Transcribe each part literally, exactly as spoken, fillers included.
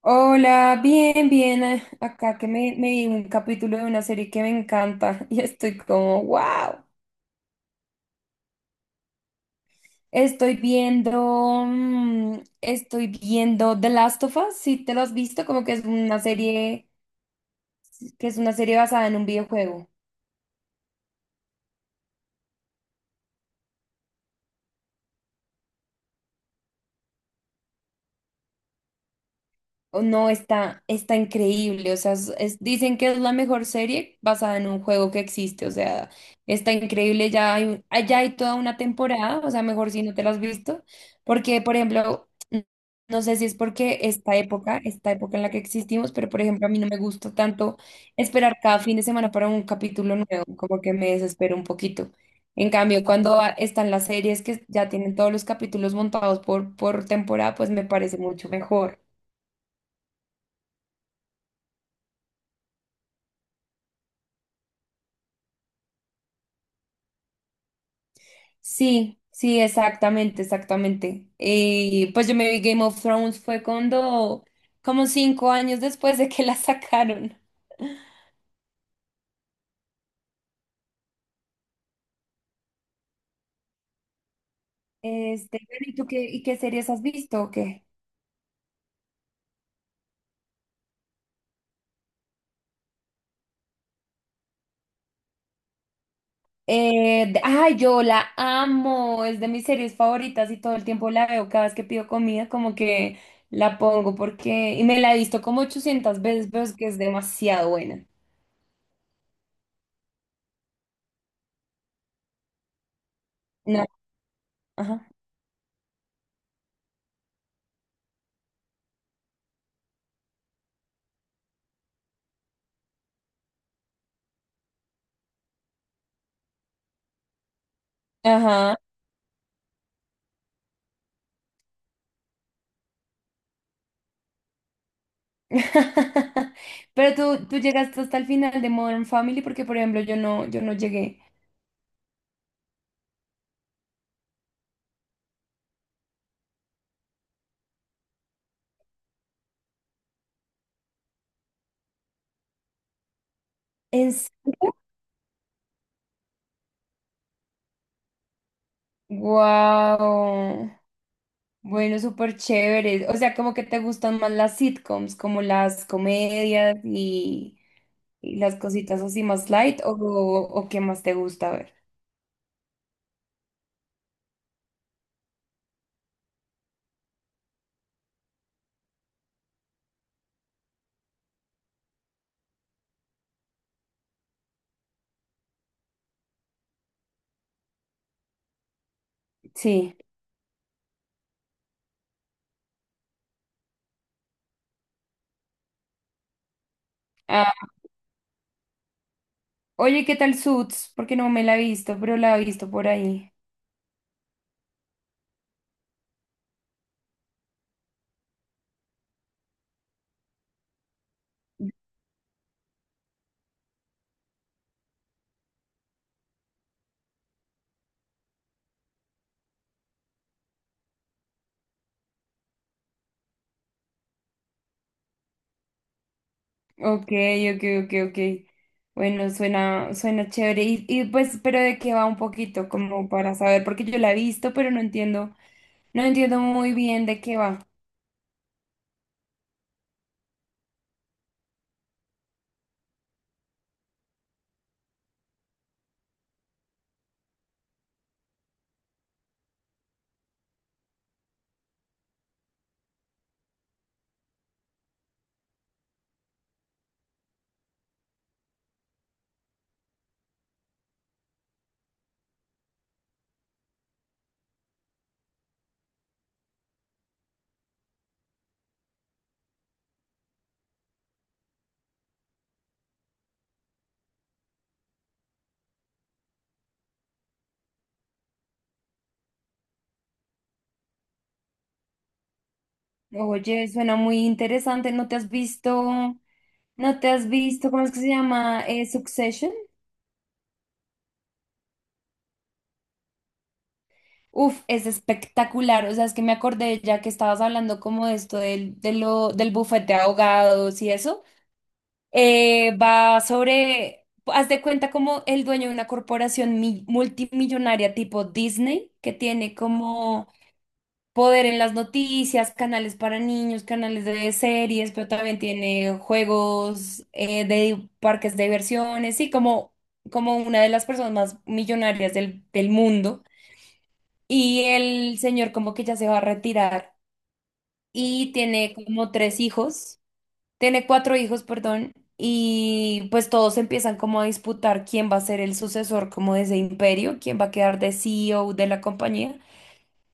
Hola, bien, bien. eh, Acá que me, me vi un capítulo de una serie que me encanta y estoy como, wow. Estoy viendo, mm, estoy viendo The Last of Us, si te lo has visto, como que es una serie, que es una serie basada en un videojuego. Oh, no, está, está increíble. O sea, es- es- dicen que es la mejor serie basada en un juego que existe. O sea, está increíble. Ya hay, un- ah, ya hay toda una temporada. O sea, mejor si no te la has visto. Porque, por ejemplo, n- no sé si es porque esta época, esta época en la que existimos, pero por ejemplo, a mí no me gusta tanto esperar cada fin de semana para un capítulo nuevo. Como que me desespero un poquito. En cambio, cuando ah, están las series que ya tienen todos los capítulos montados por, por temporada, pues me parece mucho mejor. Sí, sí, exactamente, exactamente. Y pues yo me vi Game of Thrones fue cuando, como cinco años después de que la sacaron. Este, bueno, ¿y tú qué, y qué series has visto o qué? Eh, de- ay, yo la amo, es de mis series favoritas y todo el tiempo la veo, cada vez que pido comida como que la pongo porque, y me la he visto como ochocientas veces, pero es que es demasiado buena. No, ajá, ajá. Pero tú, tú llegaste hasta el final de Modern Family porque, por ejemplo, yo no, yo no llegué. ¿En serio? Wow. Bueno, súper chévere. O sea, como que te gustan más las sitcoms, como las comedias y, y las cositas así más light, o, o qué más te gusta ver. Sí. Ah, oye, ¿qué tal Suits? Porque no me la he visto, pero la he visto por ahí. Ok, ok, ok, ok. Bueno, suena, suena chévere. Y, y pues, pero de qué va un poquito, como para saber, porque yo la he visto, pero no entiendo, no entiendo muy bien de qué va. Oye, suena muy interesante. ¿No te has visto, no te has visto, cómo es que se llama? Eh, Succession. Uf, es espectacular. O sea, es que me acordé ya que estabas hablando como de esto del, de lo, del bufete de abogados y eso. Eh, va sobre, haz de cuenta como el dueño de una corporación mi- multimillonaria tipo Disney, que tiene como poder en las noticias, canales para niños, canales de series, pero también tiene juegos eh, de parques de diversiones y como, como una de las personas más millonarias del, del mundo. Y el señor como que ya se va a retirar y tiene como tres hijos. Tiene cuatro hijos, perdón, y pues todos empiezan como a disputar quién va a ser el sucesor como de ese imperio, quién va a quedar de C E O de la compañía.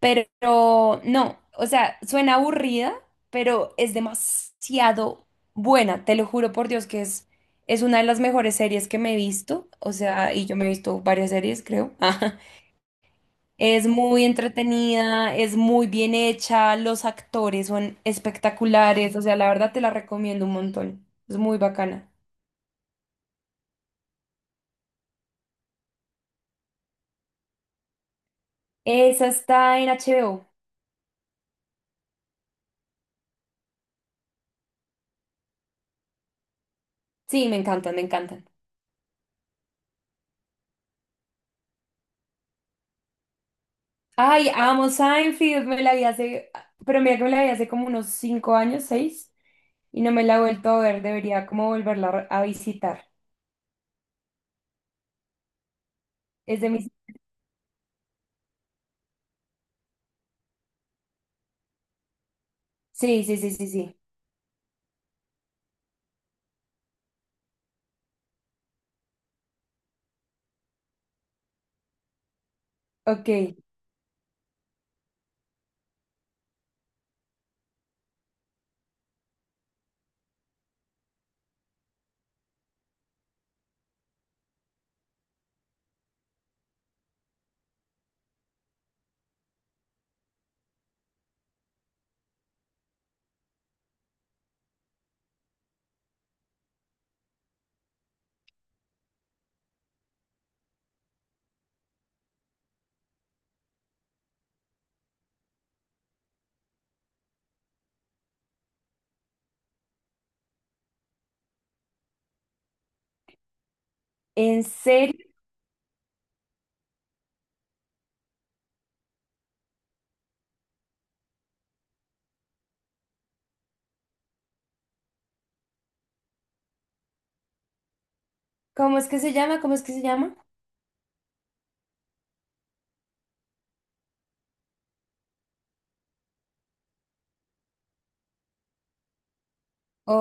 Pero no, o sea, suena aburrida, pero es demasiado buena, te lo juro por Dios que es, es una de las mejores series que me he visto, o sea, y yo me he visto varias series, creo. Es muy entretenida, es muy bien hecha, los actores son espectaculares, o sea, la verdad te la recomiendo un montón. Es muy bacana. Esa está en H B O. Sí, me encantan, me encantan. Ay, amo Seinfeld, me la vi hace, pero mira que me la vi hace como unos cinco años, seis, y no me la he vuelto a ver, debería como volverla a visitar. Es de mis... Sí, sí, sí, sí, sí. Ok. ¿En serio? ¿Cómo es que se llama? ¿Cómo es que se llama?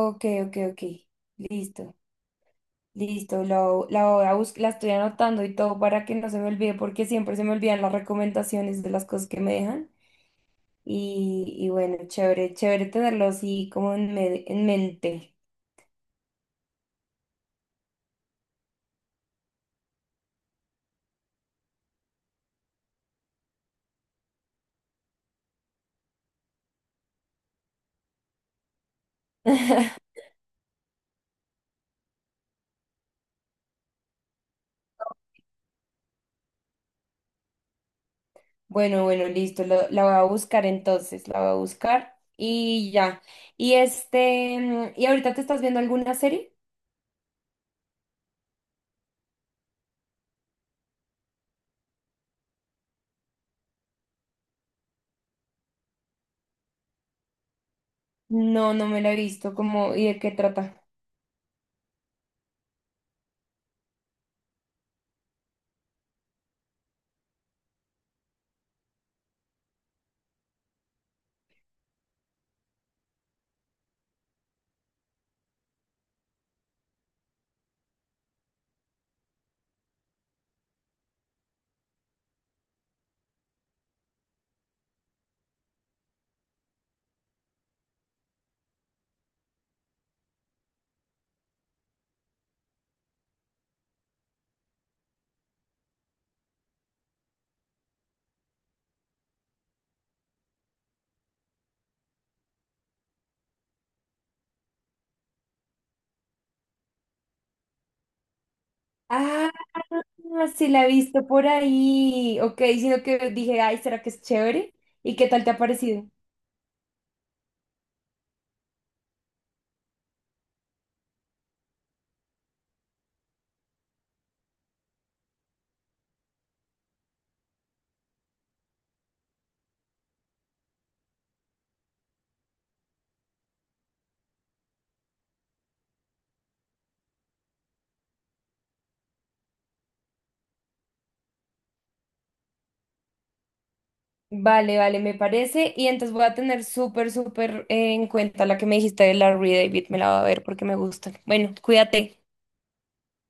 Ok, ok, ok. Listo. Listo, lo, la voy a bus- la estoy anotando y todo para que no se me olvide, porque siempre se me olvidan las recomendaciones de las cosas que me dejan. Y, y bueno, chévere, chévere tenerlo así como en, me- en mente. Bueno, bueno, listo, lo- la voy a buscar entonces, la voy a buscar y ya. Y este, mm, ¿y ahorita te estás viendo alguna serie? No, no me la he visto, como, ¿y de qué trata? Ah, sí la he visto por ahí. Ok, sino que dije, ay, ¿será que es chévere? ¿Y qué tal te ha parecido? Vale, vale, me parece. Y entonces voy a tener súper, súper en cuenta la que me dijiste de Larry David. Me la voy a ver porque me gusta. Bueno, cuídate.